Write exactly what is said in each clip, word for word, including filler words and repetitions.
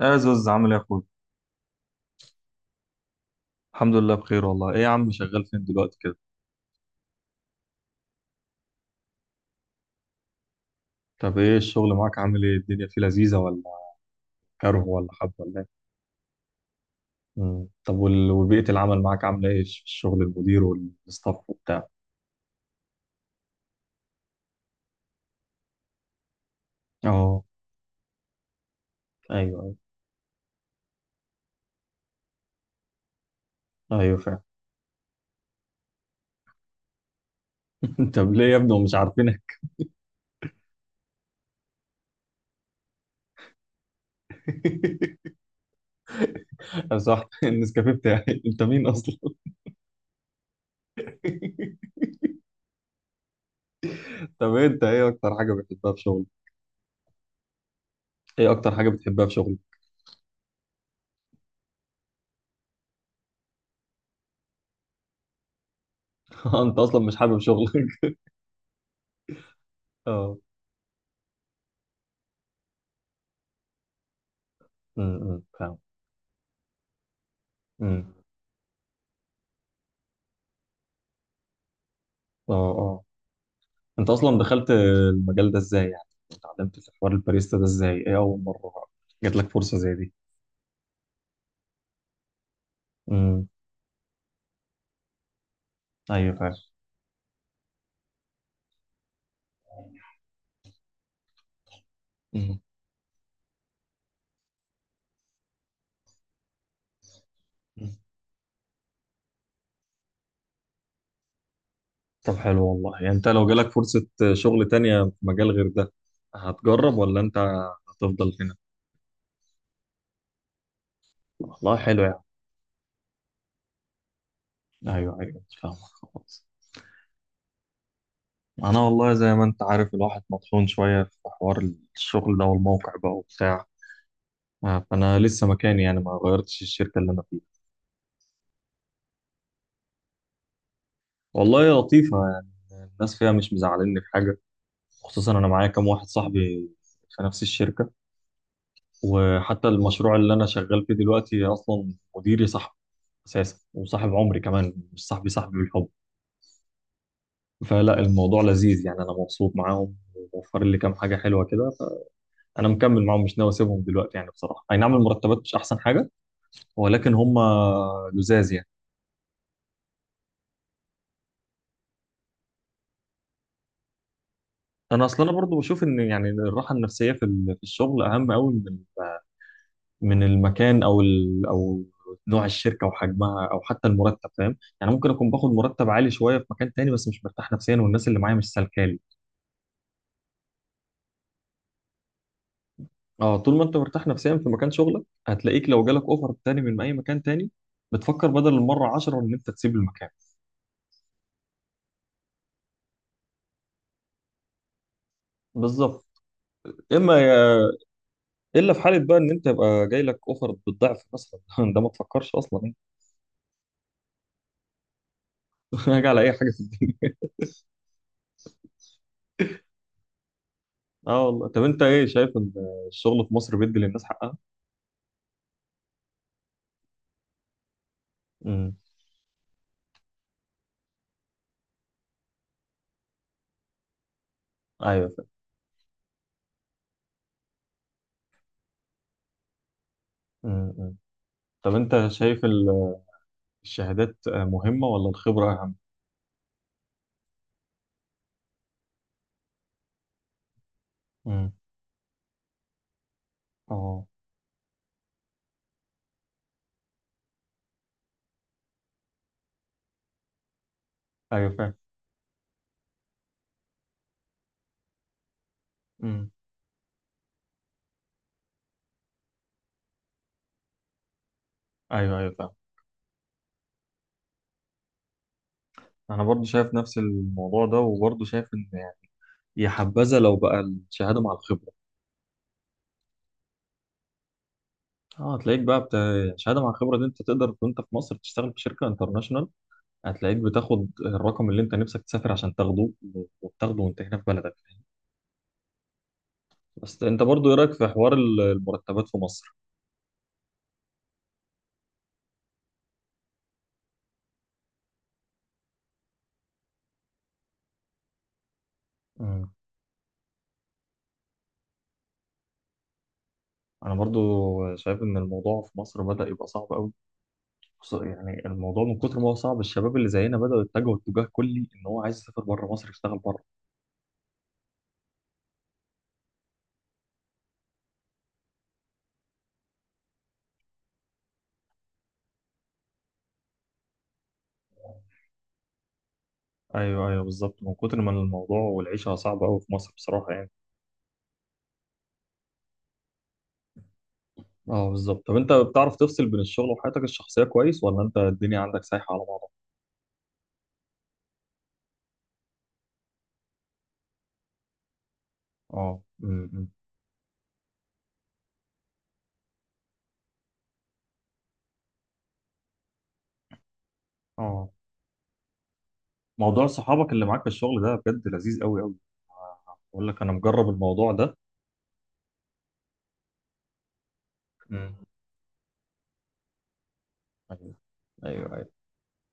يا زوز عامل ايه يا اخويا؟ الحمد لله بخير والله. ايه يا عم شغال فين دلوقتي كده؟ طب ايه الشغل معاك، عامل ايه الدنيا فيه لذيذة ولا كره ولا حب ولا ايه؟ مم. طب وال- وبيئة العمل معاك عاملة ايه في الشغل، المدير والستاف وبتاع؟ اه. ايوه ايوه. ايوه فعلا. طب ليه يا ابني ومش عارفينك؟ صح النسكافيه بتاعي. انت مين اصلا؟ طب ايه، انت ايه اكتر حاجة بتحبها في شغلك؟ ايه اكتر حاجة بتحبها في شغلك؟ انت اصلا مش حابب شغلك؟ اه. امم فاهم. امم. اه. انت اصلا دخلت المجال ده ازاي يعني؟ اتعلمت في حوار الباريستا ده ازاي، ايه اول مره جات لك فرصه زي دي؟ امم. ايوه فعلا. مم. مم. طب حلو والله. يعني انت لو جالك فرصه شغل تانية في مجال غير ده، هتجرب ولا انت هتفضل هنا؟ والله حلو يعني. ايوه ايوه فاهمك. خلاص. انا والله زي ما انت عارف الواحد مطحون شويه في حوار الشغل ده والموقع بقى وبتاع. فانا لسه مكاني، يعني ما غيرتش الشركه اللي انا فيها. والله لطيفه يعني، الناس فيها مش مزعلني في حاجه، خصوصا انا معايا كام واحد صاحبي في نفس الشركه. وحتى المشروع اللي انا شغال فيه دلوقتي اصلا مديري صاحبي اساسا، وصاحب عمري كمان، مش صاحبي صاحبي بالحب. فلا الموضوع لذيذ يعني، انا مبسوط معاهم وموفر لي كام حاجه حلوه كده. فانا مكمل معاهم، مش ناوي اسيبهم دلوقتي يعني. بصراحه اي نعم المرتبات مش احسن حاجه، ولكن هم لزاز يعني. انا اصلا انا برضو بشوف ان يعني الراحه النفسيه في ال- في الشغل اهم قوي من من المكان، او ال... او نوع الشركه وحجمها او حتى المرتب، فاهم؟ يعني ممكن اكون باخد مرتب عالي شويه في مكان تاني بس مش مرتاح نفسيا والناس اللي معايا مش سالكالي. اه، طول ما انت مرتاح نفسيا في مكان شغلك، هتلاقيك لو جالك اوفر تاني من اي مكان تاني بتفكر بدل المره عشر ان انت تسيب المكان. بالظبط. اما يا... الا في حاله بقى ان انت يبقى جاي لك اوفر بالضعف مثلا، ده ما تفكرش اصلا يعني. هاجي على اي حاجه في الدنيا. اه والله. طب انت، ايه شايف ان الشغل في مصر بيدي للناس حقها؟ امم. ايوه فاهم. امم. طب انت شايف ال- الشهادات مهمة ولا الخبرة أهم؟ امم. اه. ايوه فاهم. امم. ايوه ايوه فاهم. انا برضو شايف نفس الموضوع ده، وبرضو شايف ان يعني يا حبذا لو بقى الشهادة مع الخبرة. اه هتلاقيك بقى بت... الشهادة مع الخبرة دي انت تقدر وانت في مصر تشتغل في شركة انترناشونال، هتلاقيك بتاخد الرقم اللي انت نفسك تسافر عشان تاخده، وبتاخده وانت هنا في بلدك. بس انت برضو ايه رأيك في حوار ال- المرتبات في مصر؟ امم. انا برضو شايف ان الموضوع في مصر بدأ يبقى صعب قوي. بص، يعني الموضوع من كتر ما هو صعب الشباب اللي زينا بدأوا يتجهوا اتجاه كلي ان هو عايز يسافر بره مصر يشتغل بره. ايوه ايوه بالظبط. من كتر ما الموضوع والعيشه صعبه قوي في مصر بصراحه يعني. اه بالظبط. طب انت بتعرف تفصل بين الشغل وحياتك الشخصية كويس، ولا انت الدنيا عندك سايحة على بعضها؟ اه. امم. اه. موضوع صحابك اللي معاك في الشغل ده بجد لذيذ قوي قوي. بقول لك انا مجرب الموضوع ده. امم. ايوه ايوه ايوه.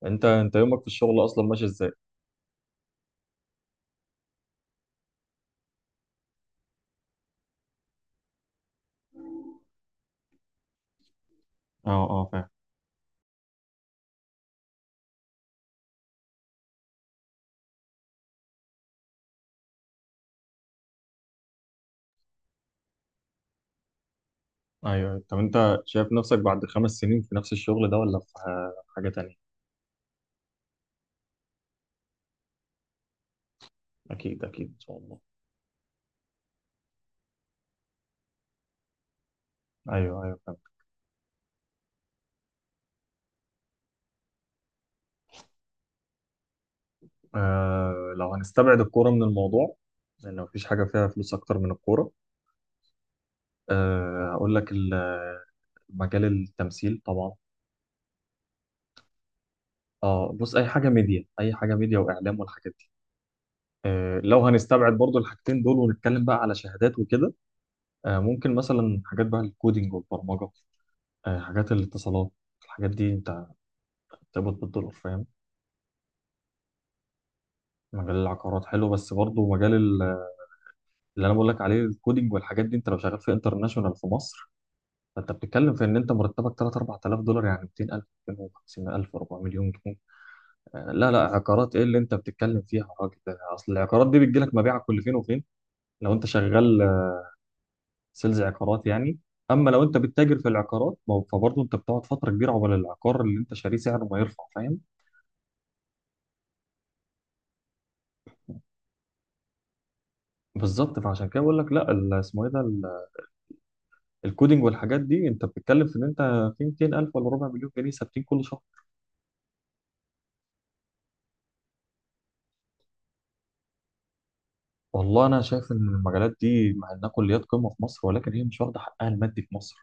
انت انت يومك في الشغل اصلا ماشي ازاي؟ اه اه فاهم. ايوه أيوه. طب انت شايف نفسك بعد خمس سنين في نفس الشغل ده، ولا في ح- حاجة تانية؟ اكيد اكيد ان شاء الله. ايوه ايوه فهمت. آه، لو هنستبعد الكورة من الموضوع، لان مفيش حاجة فيها فلوس اكتر من الكورة. آه هقول لك ال- مجال التمثيل طبعا. اه بص، اي حاجة ميديا، اي حاجة ميديا واعلام والحاجات دي. آه لو هنستبعد برضو الحاجتين دول ونتكلم بقى على شهادات وكده، آه ممكن مثلا حاجات بقى الكودينج والبرمجة، آه حاجات الاتصالات. الحاجات دي انت بتقبض بالدولار، فاهم. مجال العقارات حلو، بس برضه مجال ال- اللي انا بقول لك عليه الكودينج والحاجات دي، انت لو شغال في انترناشونال في مصر فانت بتتكلم في ان انت مرتبك تلاتة اربعة آلاف دولار، يعني ميتين الف ميتين وخمسين الف اربعة مليون جنيه. آه، لا لا، عقارات ايه اللي انت بتتكلم فيها يا راجل؟ ده اصل العقارات دي بتجي لك مبيعها كل فين وفين. لو انت شغال آه، سيلز عقارات يعني. اما لو انت بتتاجر في العقارات ما- فبرضه انت بتقعد فتره كبيره عقبال العقار اللي انت شاريه سعره ما يرفع، فاهم. بالظبط. فعشان كده بقول لك، لا ال- اسمه ايه ده، الكودينج والحاجات دي انت بتتكلم في ان انت في ميتين الف ولا ربع مليون جنيه ثابتين كل شهر. والله انا شايف ان المجالات دي مع انها كليات قمه في مصر، ولكن هي مش واخده حقها المادي في مصر.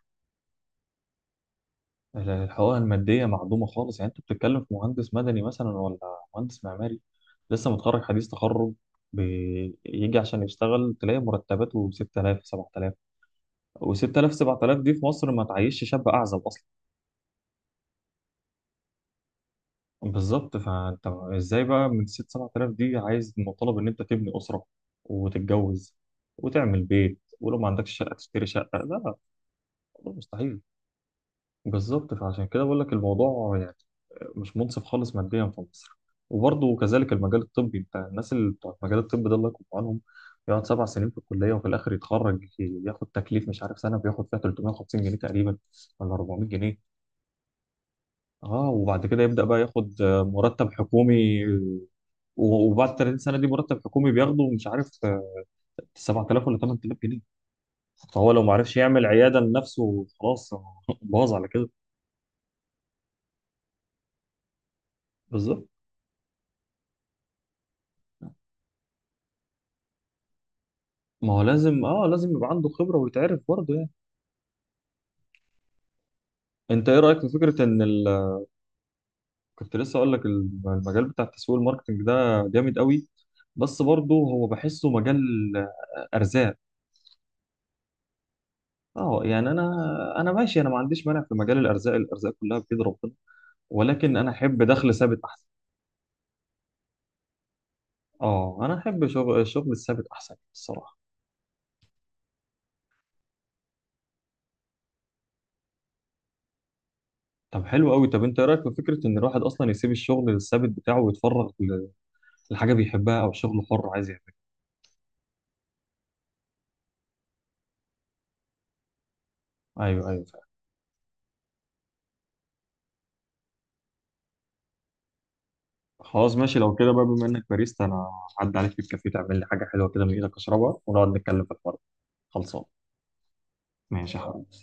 الحقوق الماديه معدومه خالص. يعني انت بتتكلم في مهندس مدني مثلا، ولا مهندس معماري لسه متخرج حديث تخرج، بيجي عشان يشتغل تلاقي مرتباته ست تلاف سبع تلاف، و6000 سبع تلاف دي في مصر ما تعيشش شاب اعزب اصلا. بالظبط. فانت ازاي بقى من ست سبعة آلاف دي عايز مطالب ان انت تبني اسره وتتجوز وتعمل بيت، ولو ما عندكش شقه تشتري شقه؟ لا لا، الموضوع مستحيل. بالظبط. فعشان كده بقول لك الموضوع يعني مش منصف خالص ماديا في مصر. وبرضه كذلك المجال الطبي، انت الناس اللي بتوع المجال الطبي ده الله يكون في عونهم. يقعد سبع سنين في الكليه، وفي الاخر يتخرج ياخد تكليف مش عارف سنه بياخد فيها ثلاثمئة وخمسين جنيه تقريبا ولا اربعمية جنيه. اه. وبعد كده يبدأ بقى ياخد آه، مرتب حكومي و- وبعد ثلاثين سنة دي مرتب حكومي بياخده مش عارف آه، سبعة آلاف ولا تمن تلاف جنيه. فهو لو ما عرفش يعمل عيادة لنفسه خلاص هو باظ على كده. بالظبط. ما هو لازم، اه لازم يبقى عنده خبرة ويتعرف برضه يعني. انت ايه رأيك في فكرة ان ال... كنت لسه اقول لك الم- المجال بتاع التسويق الماركتنج ده جامد قوي. بس برضه هو بحسه مجال آه، ارزاق. اه يعني انا انا ماشي، انا ما عنديش مانع في مجال الارزاق، الارزاق كلها بيد ربنا، ولكن انا احب دخل ثابت احسن. اه انا احب شغل الشغل الثابت احسن الصراحه. طب حلو قوي. طب انت إيه رايك في فكره ان الواحد اصلا يسيب الشغل الثابت بتاعه ويتفرغ ل- لحاجه بيحبها او شغل حر عايز يعمله؟ ايوه ايوه فعلا. خلاص ماشي لو كده بقى، بما انك باريستا انا هعدي عليك في الكافيه تعمل لي حاجه حلوه كده من ايدك اشربها، ونقعد نتكلم في الحوار. خلصان ماشي يا حبيبي.